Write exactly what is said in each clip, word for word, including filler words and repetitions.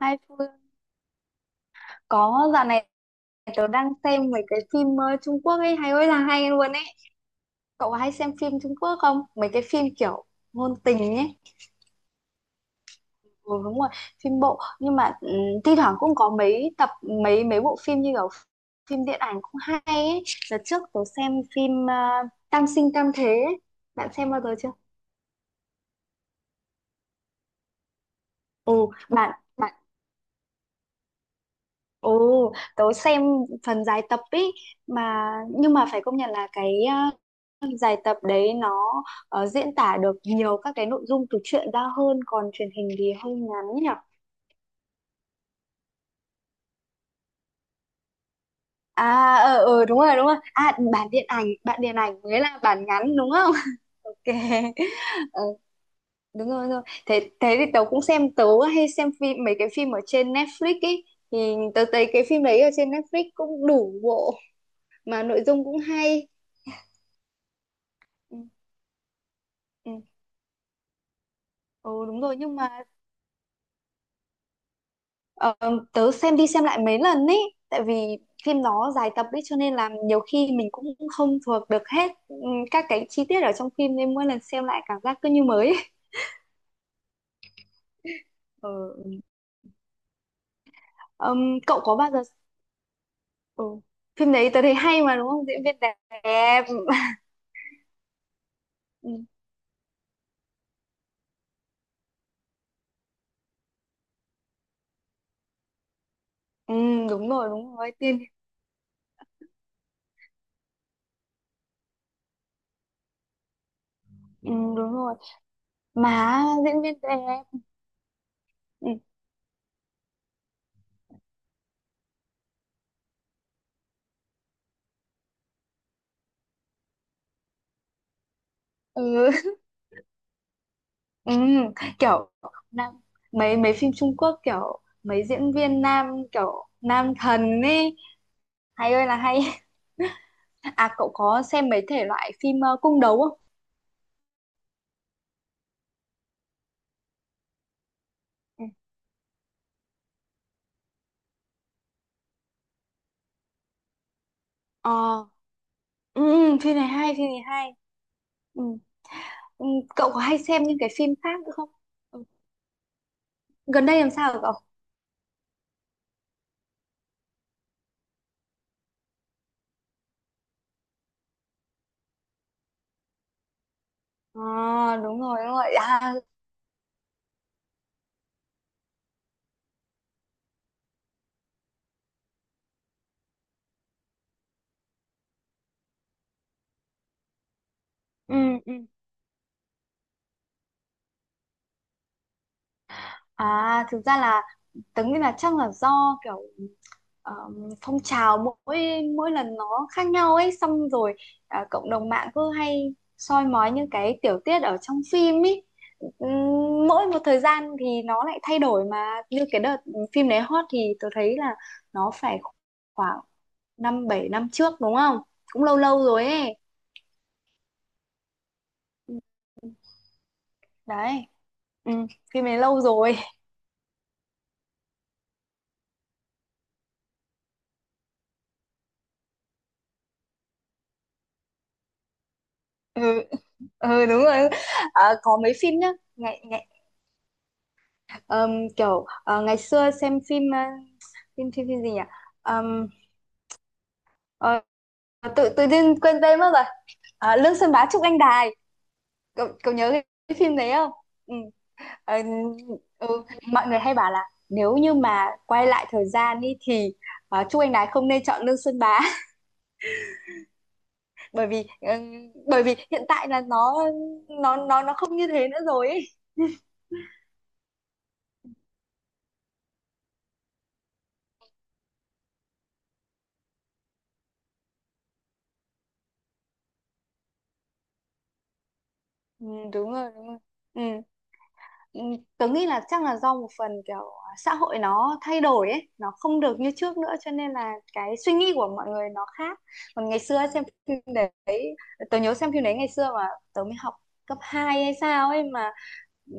Hai Phương, có dạo này tớ đang xem mấy cái phim ờ, Trung Quốc ấy hay ơi là hay luôn ấy. Cậu có hay xem phim Trung Quốc không, mấy cái phim kiểu ngôn tình ấy? Ừ, đúng rồi, phim bộ nhưng mà ừ, thi thoảng cũng có mấy tập, mấy mấy bộ phim như kiểu phim điện ảnh cũng hay ấy. Đợt trước tớ xem phim ờ, Tam sinh tam thế ấy. Bạn xem bao giờ chưa? Ừ, bạn. Ừ, tớ xem phần dài tập ý mà. Nhưng mà phải công nhận là cái ờ, dài tập đấy nó ờ, diễn tả được nhiều các cái nội dung từ truyện ra hơn, còn truyền hình thì hơi ngắn nhỉ. À, ờ ờ đúng rồi, đúng rồi. À, bản điện ảnh, bản điện ảnh mới là bản ngắn đúng không? Ok. Ờ, đúng rồi, đúng rồi. Thế thế thì tớ cũng xem, tớ hay xem phim, mấy cái phim ở trên Netflix ý, thì tớ thấy cái phim đấy ở trên Netflix cũng đủ bộ mà nội dung cũng hay. Ừ, ừ. Ừ, đúng rồi nhưng mà ờ, tớ xem đi xem lại mấy lần ý, tại vì phim nó dài tập ý cho nên là nhiều khi mình cũng không thuộc được hết ừ, các cái chi tiết ở trong phim, nên mỗi lần xem lại cảm giác cứ như mới ấy. Ờ, ừ. Ừm, cậu có bao giờ, ừ. Phim đấy tớ thấy hay mà, đúng không, diễn viên đẹp. Ừ. Ừ, đúng rồi, đúng rồi, tiên. Ừ, đúng rồi, mà diễn viên đẹp. Ừ. Ừ. Ừ, kiểu nam, mấy mấy phim Trung Quốc kiểu mấy diễn viên nam, kiểu nam thần ấy, hay ơi là hay. À, cậu có xem mấy thể loại phim ờ, cung đấu không? Ừ. Ờ, ừ, phim này hay, phim này hay. Ừ. Ừ, cậu có hay xem những cái phim khác nữa không? Ừ. Gần đây làm sao rồi cậu? À, đúng rồi, đúng rồi. À, ừ, ừ. À, thực ra là tớ nghĩ là chắc là do kiểu ờ, phong trào mỗi mỗi lần nó khác nhau ấy, xong rồi à, cộng đồng mạng cứ hay soi mói những cái tiểu tiết ở trong phim ấy. Ừm, mỗi một thời gian thì nó lại thay đổi mà, như cái đợt phim đấy hot thì tôi thấy là nó phải khoảng năm bảy năm trước đúng không, cũng lâu lâu rồi ấy. Đấy. Ừ, phim này lâu rồi. Ừ, ừ, đúng rồi. Ờ, có mấy phim nhá, ngày, ngày ờm, kiểu ờ, ngày xưa xem phim ờ, phim phim phim gì nhỉ? Ờ, tự tự nhiên quên tên mất rồi. À, Lương Xuân Bá Trúc Anh Đài, cậu cậu nhớ cái, cái phim đấy không? Ừ. Ờ, ừ. Mọi người hay bảo là nếu như mà quay lại thời gian đi thì uh, Trúc Anh Đài không nên chọn Lương Xuân Bá, bởi vì ừ, bởi vì hiện tại là nó nó nó nó không như thế nữa rồi ấy. Ừ, đúng rồi, đúng rồi. Ừ. Ừ, tớ nghĩ là chắc là do một phần kiểu xã hội nó thay đổi ấy, nó không được như trước nữa cho nên là cái suy nghĩ của mọi người nó khác. Còn ngày xưa xem phim đấy, tớ nhớ xem phim đấy ngày xưa mà tớ mới học cấp hai hay sao ấy mà, ừ,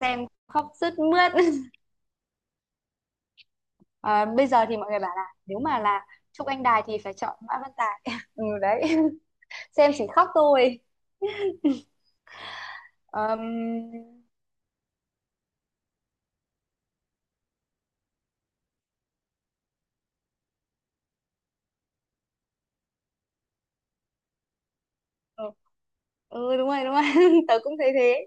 xem khóc sướt mướt. À, bây giờ thì mọi người bảo là nếu mà là Trúc Anh Đài thì phải chọn Mã Văn Tài. Ừ đấy, xem chỉ khóc thôi. Ờm, ừ, ừ đúng rồi, đúng rồi, tớ cũng thấy thế.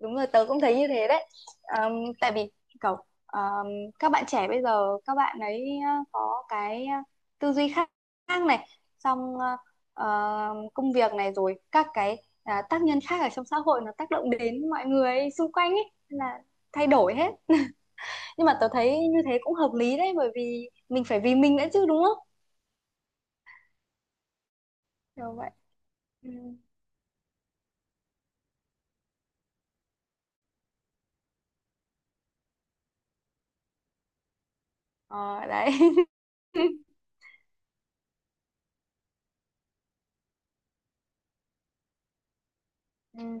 Đúng rồi, tớ cũng thấy như thế đấy. Ờm, tại vì cậu ờm, các bạn trẻ bây giờ, các bạn ấy ờ, có cái ờ, tư duy khác, khác này, xong ờ, ờ, công việc này, rồi các cái à, tác nhân khác ở trong xã hội nó tác động đến mọi người xung quanh ấy. Nên là thay đổi hết. Nhưng mà tớ thấy như thế cũng hợp lý đấy, bởi vì mình phải vì mình nữa chứ, đúng không? Kiểu vậy. Ừ. Ờ, đấy. Ừ.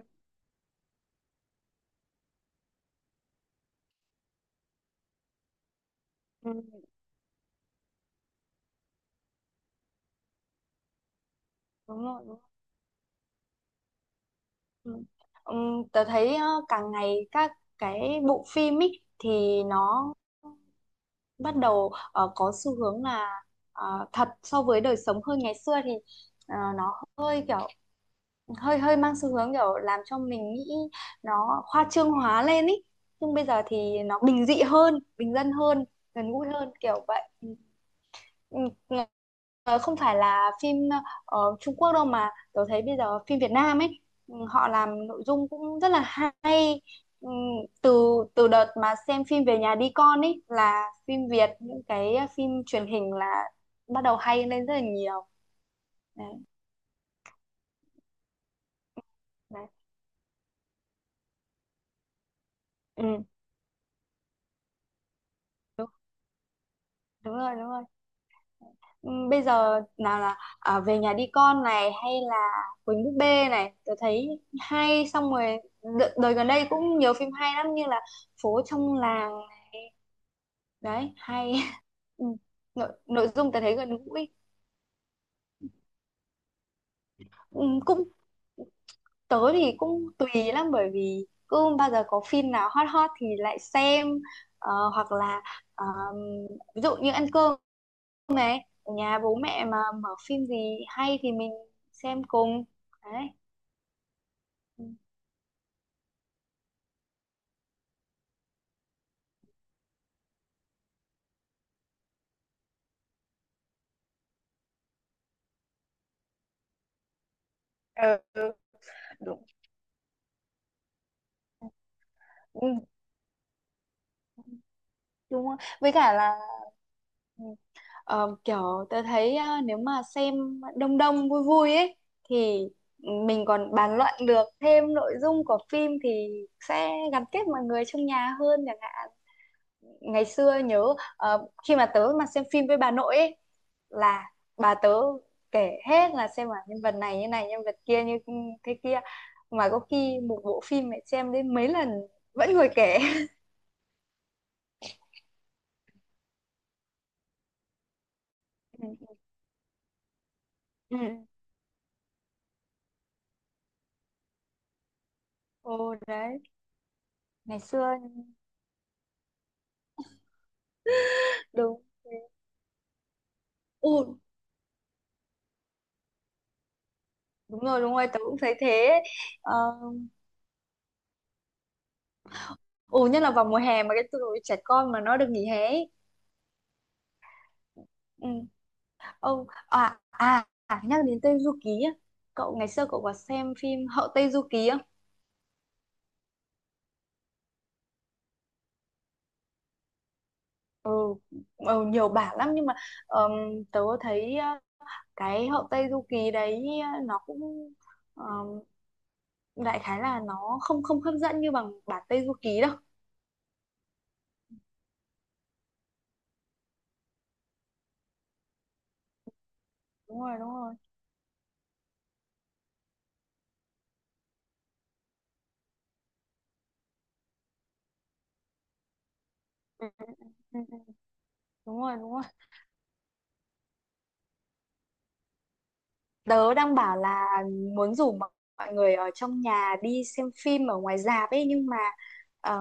Ừ, đúng rồi. Ừ. Ừm, tớ thấy ờ, càng ngày các cái bộ phim ý, thì nó bắt đầu ờ, có xu hướng là ờ, thật so với đời sống hơn. Ngày xưa thì ờ, nó hơi kiểu, hơi hơi mang xu hướng kiểu làm cho mình nghĩ nó khoa trương hóa lên ý, nhưng bây giờ thì nó bình dị hơn, bình dân hơn, gần gũi hơn, kiểu vậy. Ừ. Ừ, ờ, không phải là phim ờ, ở Trung Quốc đâu, mà tôi thấy bây giờ phim Việt Nam ấy, ừ, họ làm nội dung cũng rất là hay. Ừ, từ từ đợt mà xem phim Về nhà đi con ấy là phim Việt, những cái phim truyền hình là bắt đầu hay lên rất là nhiều. Đấy, đấy. Ừ. Đúng, đúng rồi, đúng rồi. Ừ, bây giờ nào là à, Về nhà đi con này, hay là Quỳnh búp bê này, tôi thấy hay. Xong rồi đ- đời gần đây cũng nhiều phim hay lắm, như là Phố trong làng này, đấy hay. Ừ, nội, nội dung tôi thấy gần gũi. Ừ, cũng, tớ thì cũng tùy lắm, bởi vì cứ bao giờ có phim nào hot hot thì lại xem. Ờ, hoặc là ờm, ví dụ như ăn cơm này, ở nhà bố mẹ mà mở phim gì hay thì mình xem cùng, đấy. Ờ, ừ, đúng. Ừ, đúng. Với cả là ừ, ờ, kiểu tớ thấy ờ, nếu mà xem đông đông vui vui ấy thì mình còn bàn luận được thêm nội dung của phim thì sẽ gắn kết mọi người trong nhà hơn, chẳng hạn ngày xưa nhớ ờ, khi mà tớ mà xem phim với bà nội ấy, là bà tớ kể hết, là xem là nhân vật này như này, nhân vật kia như ừ, thế kia, mà có khi một bộ phim mẹ xem đến mấy lần vẫn ngồi kể. Ừ. Ồ đấy, ngày xưa đúng thế. Ừ, đúng rồi, đúng rồi, tớ cũng thấy thế. Ờ, ừ, nhất là vào mùa hè mà cái tụi trẻ con mà nó được nghỉ hè ấy. Ừ. Ông, à à à, nhắc đến Tây Du Ký á. Cậu ngày xưa cậu có xem phim Hậu Tây Du Ký không? Ừ, ừ nhiều bản lắm nhưng mà ờm, tớ thấy ờ, cái Hậu Tây Du Ký đấy ờ, nó cũng ờm, đại khái là nó không, không hấp dẫn như bằng bản Tây Du Ký đâu. Đúng rồi, đúng rồi. Ừ, ừ, ừ, ừ, ừ, đúng rồi, đúng rồi. Tớ đang bảo là muốn rủ mọi mọi người ở trong nhà đi xem phim ở ngoài rạp ấy, nhưng mà ờ,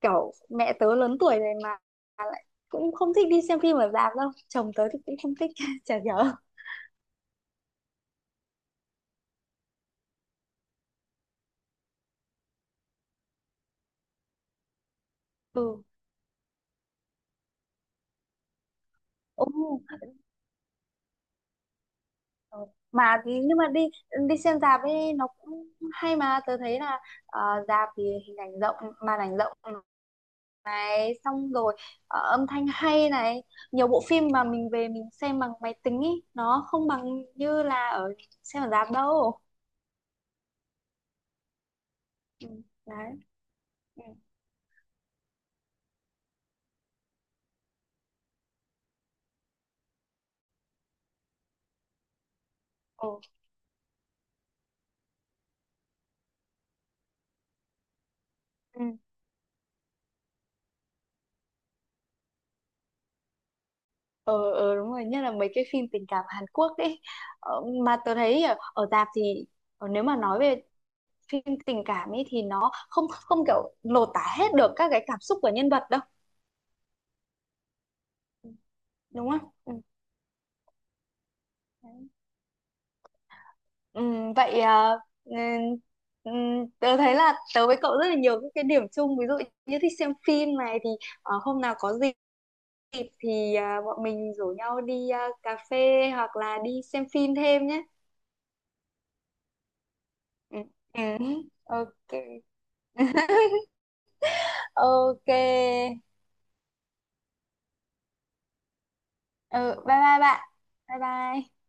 kiểu mẹ tớ lớn tuổi rồi mà lại cũng không thích đi xem phim ở rạp đâu. Chồng tớ thì cũng không thích, chả nhớ. Ừ. Ồ, ờ, mà thì- nhưng mà đi đi xem rạp ấy nó cũng hay mà, tớ thấy là ờ, rạp thì hình ảnh rộng, màn ảnh rộng, xong rồi ờ, âm thanh hay này, nhiều bộ phim mà mình về mình xem bằng máy tính ý nó không bằng như là ở xem ở rạp đâu. Ừ, đấy. Ừ. Ồ, ừ. Ờ, ờ đúng rồi, nhất là mấy cái phim tình cảm Hàn Quốc đấy ờ, mà tớ thấy ở, ở rạp thì ờ, nếu mà nói về phim tình cảm ấy thì nó không, không kiểu lột tả hết được các cái cảm xúc của nhân vật đâu. Ừ, đúng không, ừ. Đấy. Ừ, vậy à, ừ, ừ, tớ thấy là tớ với cậu rất là nhiều những cái điểm chung, ví dụ như thích xem phim này, thì ờ, hôm nào có dịp thì à, bọn mình rủ nhau đi à, cà phê hoặc là đi xem phim thêm nhé. Ừ, ừ, ok. Ok. Ừ, bye bye bạn, bye bye.